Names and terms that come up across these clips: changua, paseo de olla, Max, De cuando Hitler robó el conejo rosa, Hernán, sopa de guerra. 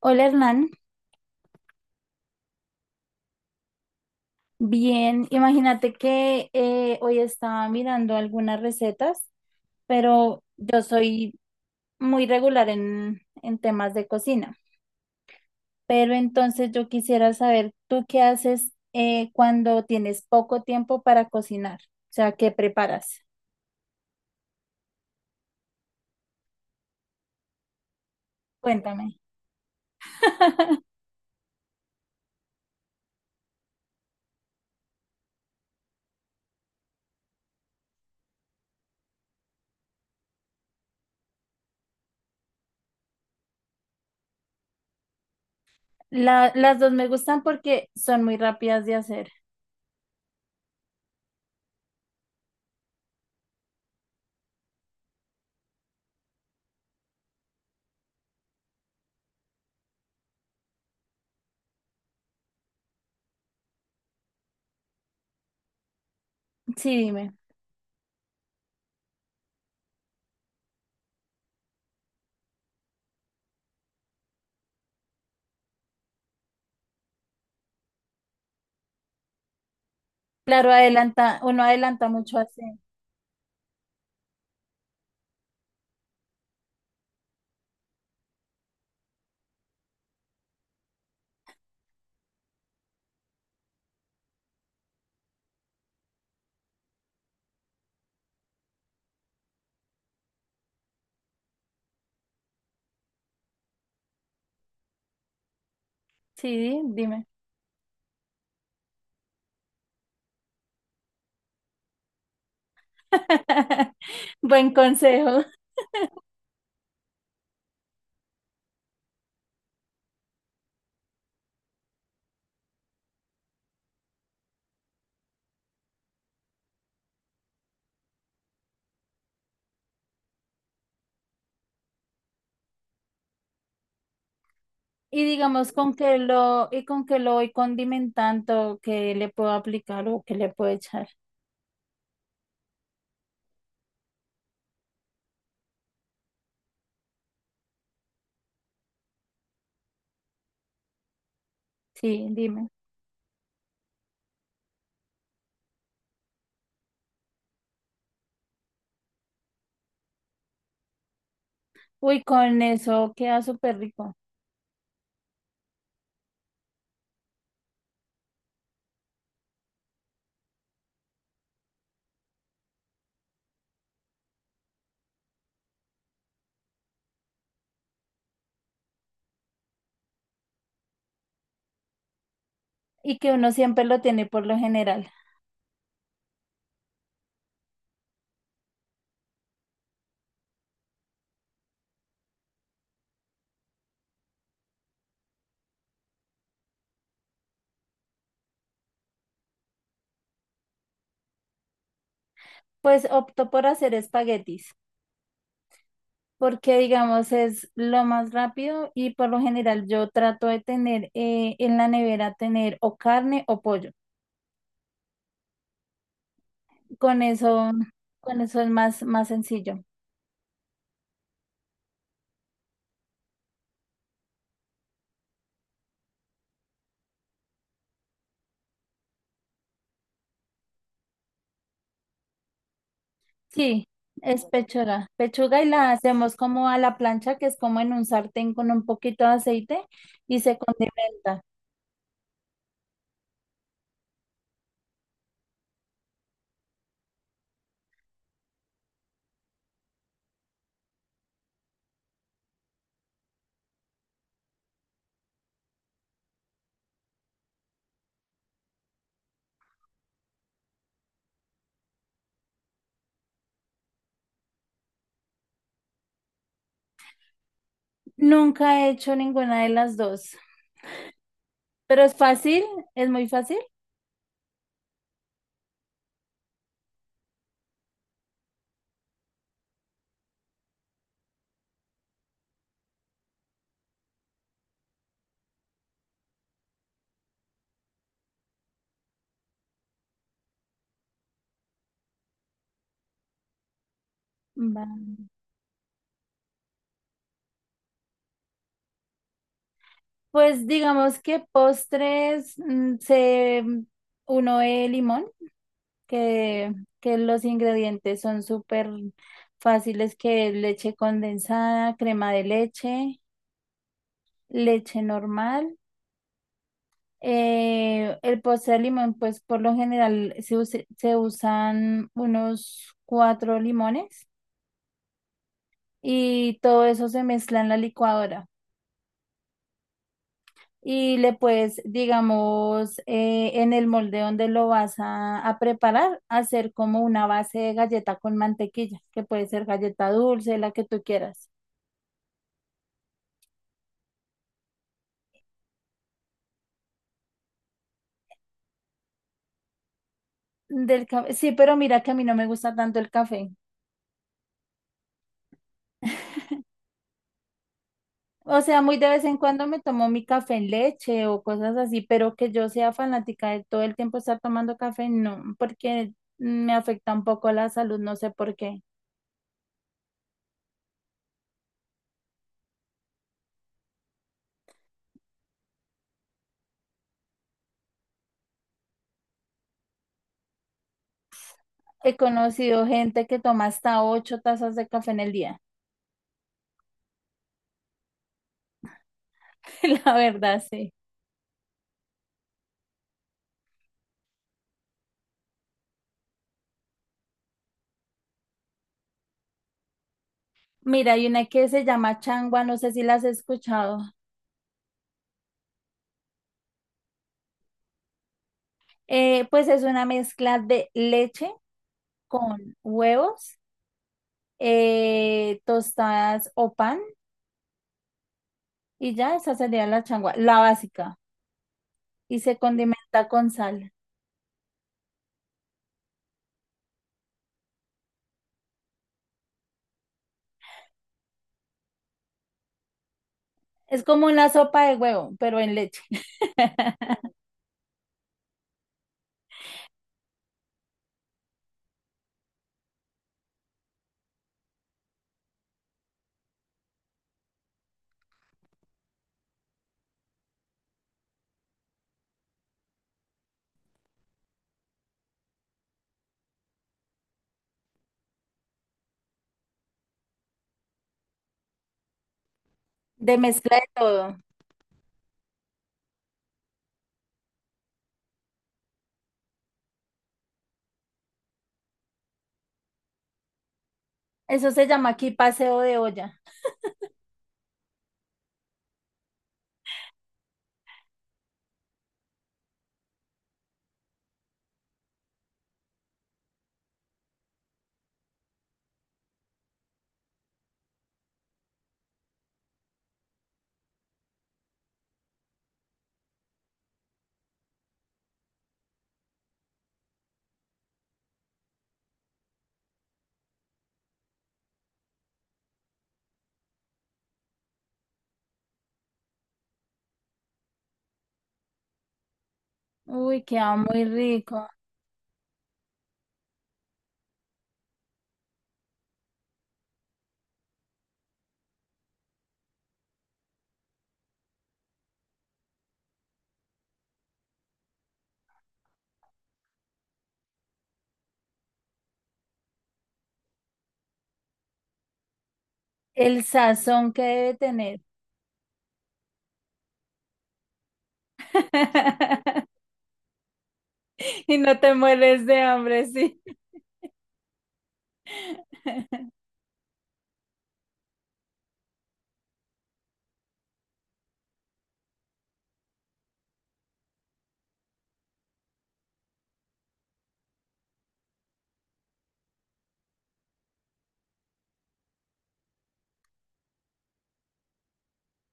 Hola Hernán, bien, imagínate que hoy estaba mirando algunas recetas, pero yo soy muy regular en temas de cocina, pero entonces yo quisiera saber, ¿tú qué haces cuando tienes poco tiempo para cocinar? O sea, ¿qué preparas? Cuéntame. Las dos me gustan porque son muy rápidas de hacer. Sí, dime. Claro, adelanta, uno adelanta mucho así. Sí, dime. Buen consejo. Y digamos, y con que lo voy condimentando, que le puedo aplicar o que le puedo echar. Sí, dime. Uy, con eso queda súper rico. Y que uno siempre lo tiene por lo general. Pues opto por hacer espaguetis, porque digamos es lo más rápido y por lo general yo trato de tener en la nevera tener o carne o pollo. Con eso, con eso es más sencillo. Sí, es pechuga. Pechuga y la hacemos como a la plancha, que es como en un sartén con un poquito de aceite y se condimenta. Nunca he hecho ninguna de las dos, pero es fácil, es muy fácil. Va. Pues digamos que postres mm, se mm, uno el limón, que, que los ingredientes son súper fáciles, que es leche condensada, crema de leche, leche normal. El postre de limón, pues por lo general se usan unos cuatro limones y todo eso se mezcla en la licuadora. Y le puedes, digamos, en el molde donde lo vas a preparar, hacer como una base de galleta con mantequilla, que puede ser galleta dulce, la que tú quieras. Sí, pero mira que a mí no me gusta tanto el café. O sea, muy de vez en cuando me tomo mi café en leche o cosas así, pero que yo sea fanática de todo el tiempo estar tomando café, no, porque me afecta un poco la salud, no sé por qué. He conocido gente que toma hasta ocho tazas de café en el día. La verdad, sí. Mira, hay una que se llama changua, no sé si la has escuchado. Pues es una mezcla de leche con huevos, tostadas o pan, y ya esa sería la changua, la básica. Y se condimenta con sal. Es como una sopa de huevo, pero en leche. De mezcla de todo. Eso se llama aquí paseo de olla. Uy, queda muy rico. El sazón que debe tener. Y no te mueres de hambre, sí.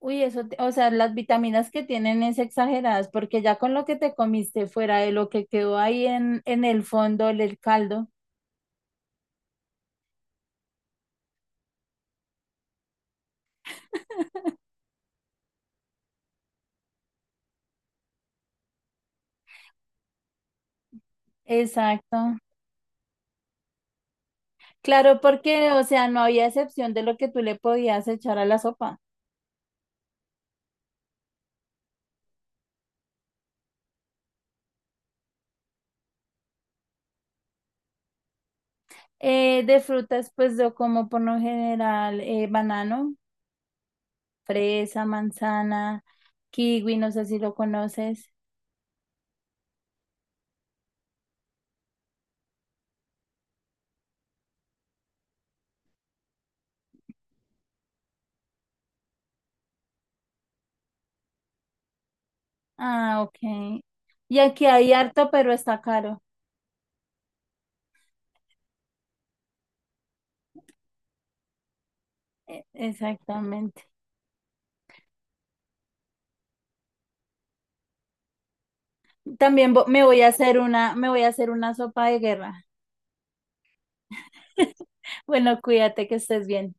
Uy, eso, o sea, las vitaminas que tienen es exageradas, porque ya con lo que te comiste fuera de lo que quedó ahí en el fondo, el caldo. Exacto. Claro, porque, o sea, no había excepción de lo que tú le podías echar a la sopa. De frutas, pues yo como por lo general banano, fresa, manzana, kiwi, no sé si lo conoces. Ah, ok. Y aquí hay harto, pero está caro. Exactamente. También me voy a hacer una, me voy a hacer una sopa de guerra. Bueno, cuídate que estés bien.